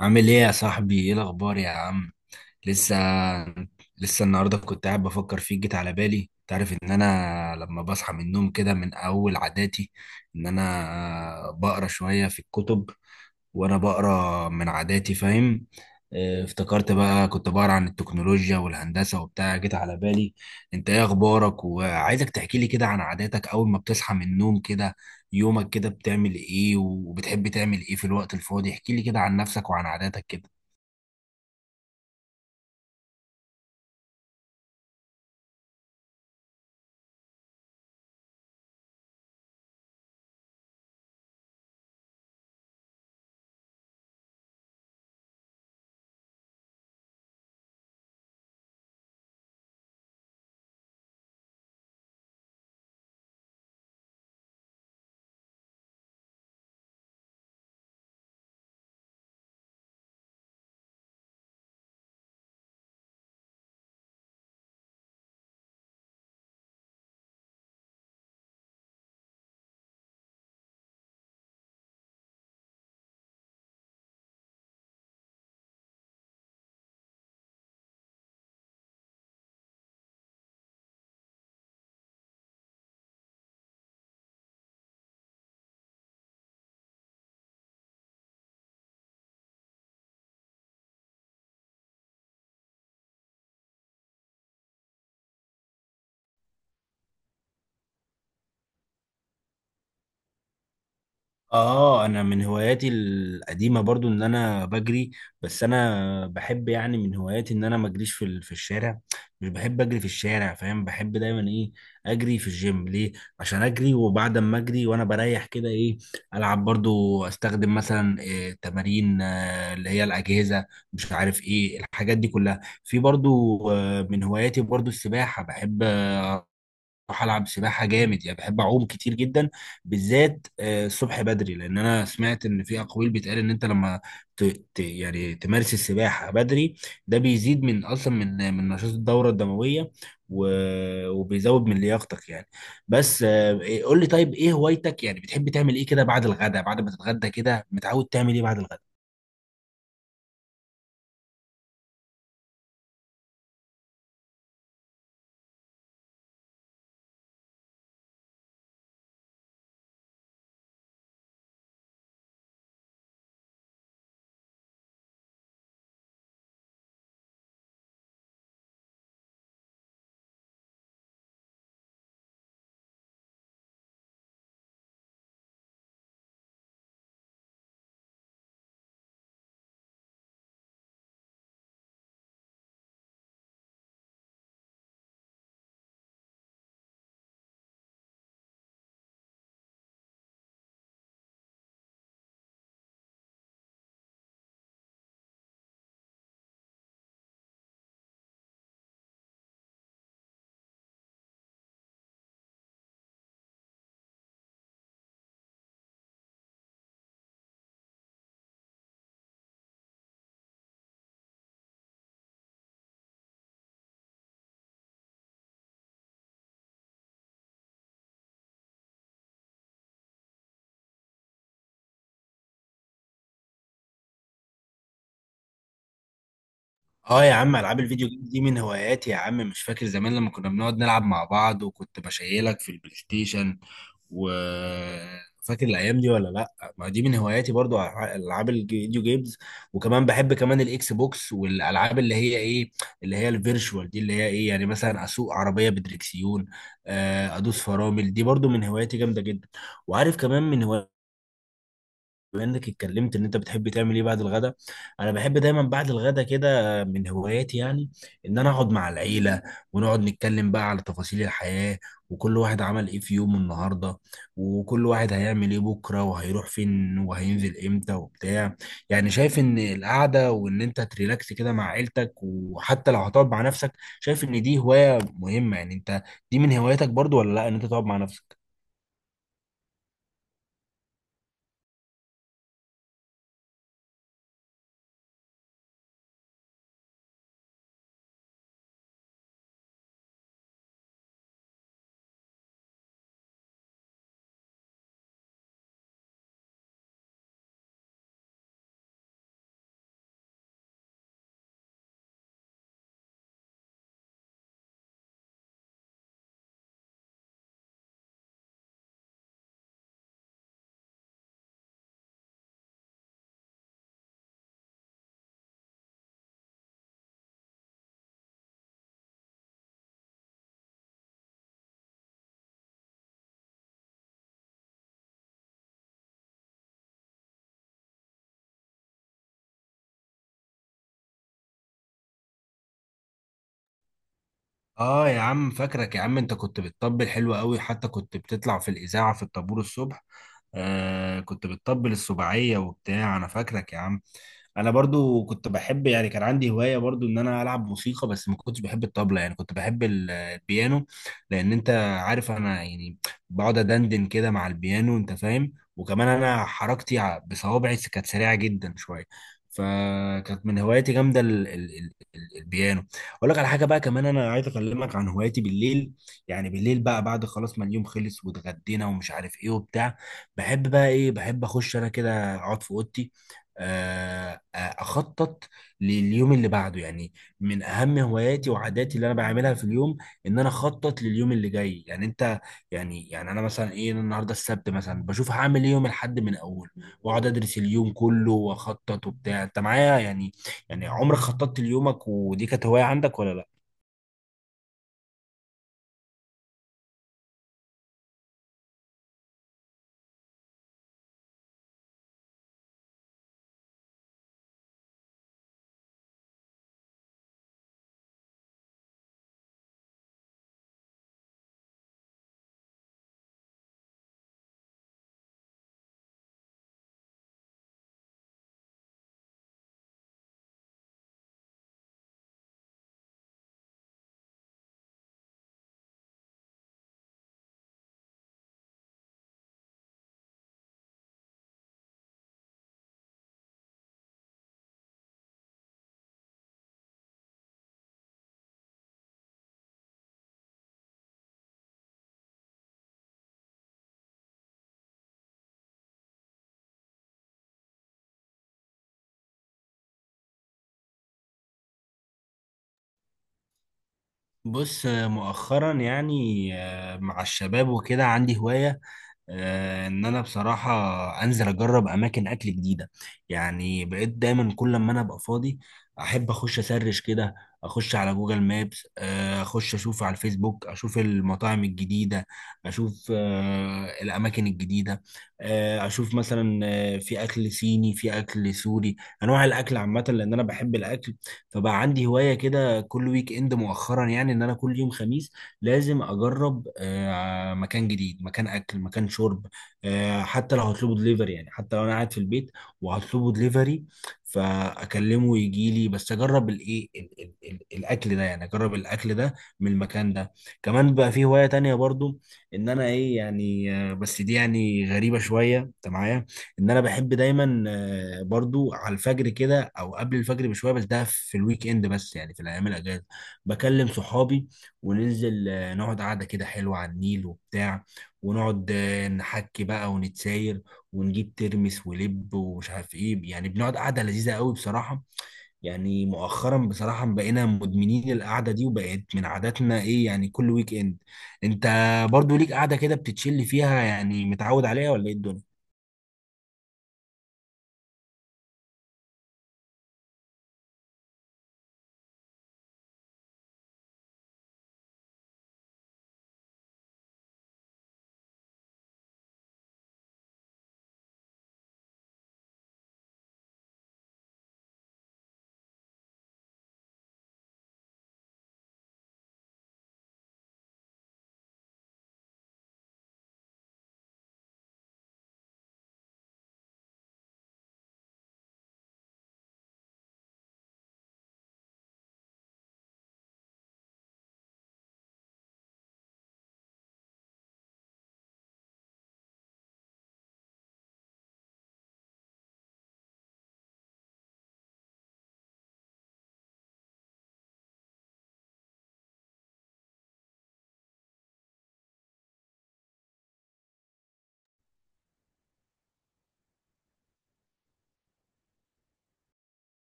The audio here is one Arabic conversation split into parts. عامل ايه يا صاحبي؟ ايه الاخبار يا عم؟ لسه لسه النهارده كنت قاعد بفكر فيك، جيت على بالي. تعرف ان انا لما بصحى من النوم كده، من اول عاداتي ان انا بقرا شويه في الكتب، وانا بقرا من عاداتي، فاهم؟ افتكرت بقى كنت بقرا عن التكنولوجيا والهندسة وبتاع، جيت على بالي. انت ايه اخبارك؟ وعايزك تحكي لي كده عن عاداتك اول ما بتصحى من النوم كده، يومك كده بتعمل ايه؟ وبتحب تعمل ايه في الوقت الفاضي؟ احكي لي كده عن نفسك وعن عاداتك كده. اه، انا من هواياتي القديمه برضو ان انا بجري، بس انا بحب يعني من هواياتي ان انا ما اجريش في في الشارع. مش بحب اجري في الشارع، فاهم؟ بحب دايما ايه، اجري في الجيم. ليه؟ عشان اجري، وبعد ما اجري وانا بريح كده ايه، العب برضو، استخدم مثلا إيه تمارين، اللي هي الاجهزه، مش عارف ايه الحاجات دي كلها. في برضو من هواياتي برضو السباحه، بحب بروح العب سباحه جامد، يعني بحب اعوم كتير جدا، بالذات الصبح بدري، لان انا سمعت ان في اقاويل بتقال ان انت لما ت... يعني تمارس السباحه بدري، ده بيزيد من اصلا من نشاط الدوره الدمويه، و... وبيزود من لياقتك يعني. بس قول لي، طيب ايه هوايتك؟ يعني بتحب تعمل ايه كده بعد الغداء؟ بعد ما تتغدى كده متعود تعمل ايه بعد الغداء؟ اه يا عم، العاب الفيديو جيم دي من هواياتي يا عم. مش فاكر زمان لما كنا بنقعد نلعب مع بعض، وكنت بشيلك في البلاي ستيشن؟ وفاكر الايام دي ولا لا؟ ما دي من هواياتي برضو، العاب الفيديو جيمز. وكمان بحب كمان الاكس بوكس، والالعاب اللي هي ايه، اللي هي الفيرشوال دي، اللي هي ايه، يعني مثلا اسوق عربيه بدريكسيون، ادوس فرامل، دي برضو من هواياتي جامده جدا. وعارف كمان من هواياتي، بما انك اتكلمت ان انت بتحب تعمل ايه بعد الغداء، انا بحب دايما بعد الغداء كده، من هواياتي يعني ان انا اقعد مع العيله، ونقعد نتكلم بقى على تفاصيل الحياه، وكل واحد عمل ايه في يومه النهارده، وكل واحد هيعمل ايه بكره، وهيروح فين، وهينزل امتى وبتاع. يعني شايف ان القعده، وان انت تريلاكس كده مع عيلتك، وحتى لو هتقعد مع نفسك، شايف ان دي هوايه مهمه. يعني انت دي من هواياتك برضو ولا لا، ان انت تقعد مع نفسك؟ اه يا عم، فاكرك يا عم، انت كنت بتطبل حلو قوي، حتى كنت بتطلع في الاذاعه في الطابور الصبح. آه، كنت بتطبل السبعيه وبتاع، انا فاكرك يا عم. انا برضو كنت بحب، يعني كان عندي هوايه برضو ان انا العب موسيقى، بس ما كنتش بحب الطبله، يعني كنت بحب البيانو. لان انت عارف، انا يعني بقعد ادندن كده مع البيانو، انت فاهم؟ وكمان انا حركتي بصوابعي كانت سريعه جدا شويه، فكانت من هواياتي جامده البيانو. اقول لك على حاجه بقى كمان، انا عايز اكلمك عن هواياتي بالليل. يعني بالليل بقى، بعد خلاص ما اليوم خلص، واتغدينا ومش عارف ايه وبتاع، بحب بقى ايه، بحب اخش انا كده اقعد في اوضتي، اخطط لليوم اللي بعده. يعني من اهم هواياتي وعاداتي اللي انا بعملها في اليوم ان انا اخطط لليوم اللي جاي. يعني انت، يعني انا مثلا ايه، أنا النهارده السبت مثلا بشوف هعمل ايه يوم الاحد من اول، واقعد ادرس اليوم كله واخطط وبتاع، انت معايا يعني؟ يعني عمرك خططت ليومك؟ ودي كانت هواية عندك ولا لا؟ بص، مؤخرا يعني مع الشباب وكده عندي هواية، ان انا بصراحة انزل اجرب اماكن اكل جديدة. يعني بقيت دايما كل ما انا ابقى فاضي احب اخش اسرش كده، اخش على جوجل، مابس اخش اشوف على الفيسبوك، اشوف المطاعم الجديدة، اشوف الاماكن الجديدة، اشوف مثلا في اكل صيني، في اكل سوري، انواع الاكل عامة، لان انا بحب الاكل. فبقى عندي هواية كده كل ويك اند مؤخرا، يعني ان انا كل يوم خميس لازم اجرب مكان جديد، مكان اكل، مكان شرب، حتى لو هطلبه دليفري. يعني حتى لو انا قاعد في البيت وهطلبه دليفري، فاكلمه يجي لي، بس اجرب الايه الاكل ده، يعني اجرب الاكل ده من المكان ده. كمان بقى في هواية تانية برضو، ان انا ايه، يعني بس دي يعني غريبة شوية، انت معايا؟ ان انا بحب دايما برضو على الفجر كده، او قبل الفجر بشويه، بس ده في الويك اند بس، يعني في الايام الاجازه، بكلم صحابي وننزل نقعد قعده كده حلوه على النيل وبتاع، ونقعد نحكي بقى ونتساير، ونجيب ترمس ولب ومش عارف ايه، يعني بنقعد قعده لذيذه قوي بصراحه. يعني مؤخرا بصراحه بقينا مدمنين القعده دي، وبقت من عاداتنا ايه، يعني كل ويك اند. انت برضو ليك قعده كده بتتشلي فيها؟ يعني متعود عليها ولا ايه الدنيا؟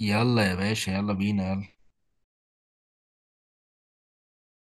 يلا يا باشا، يلا بينا، يلا.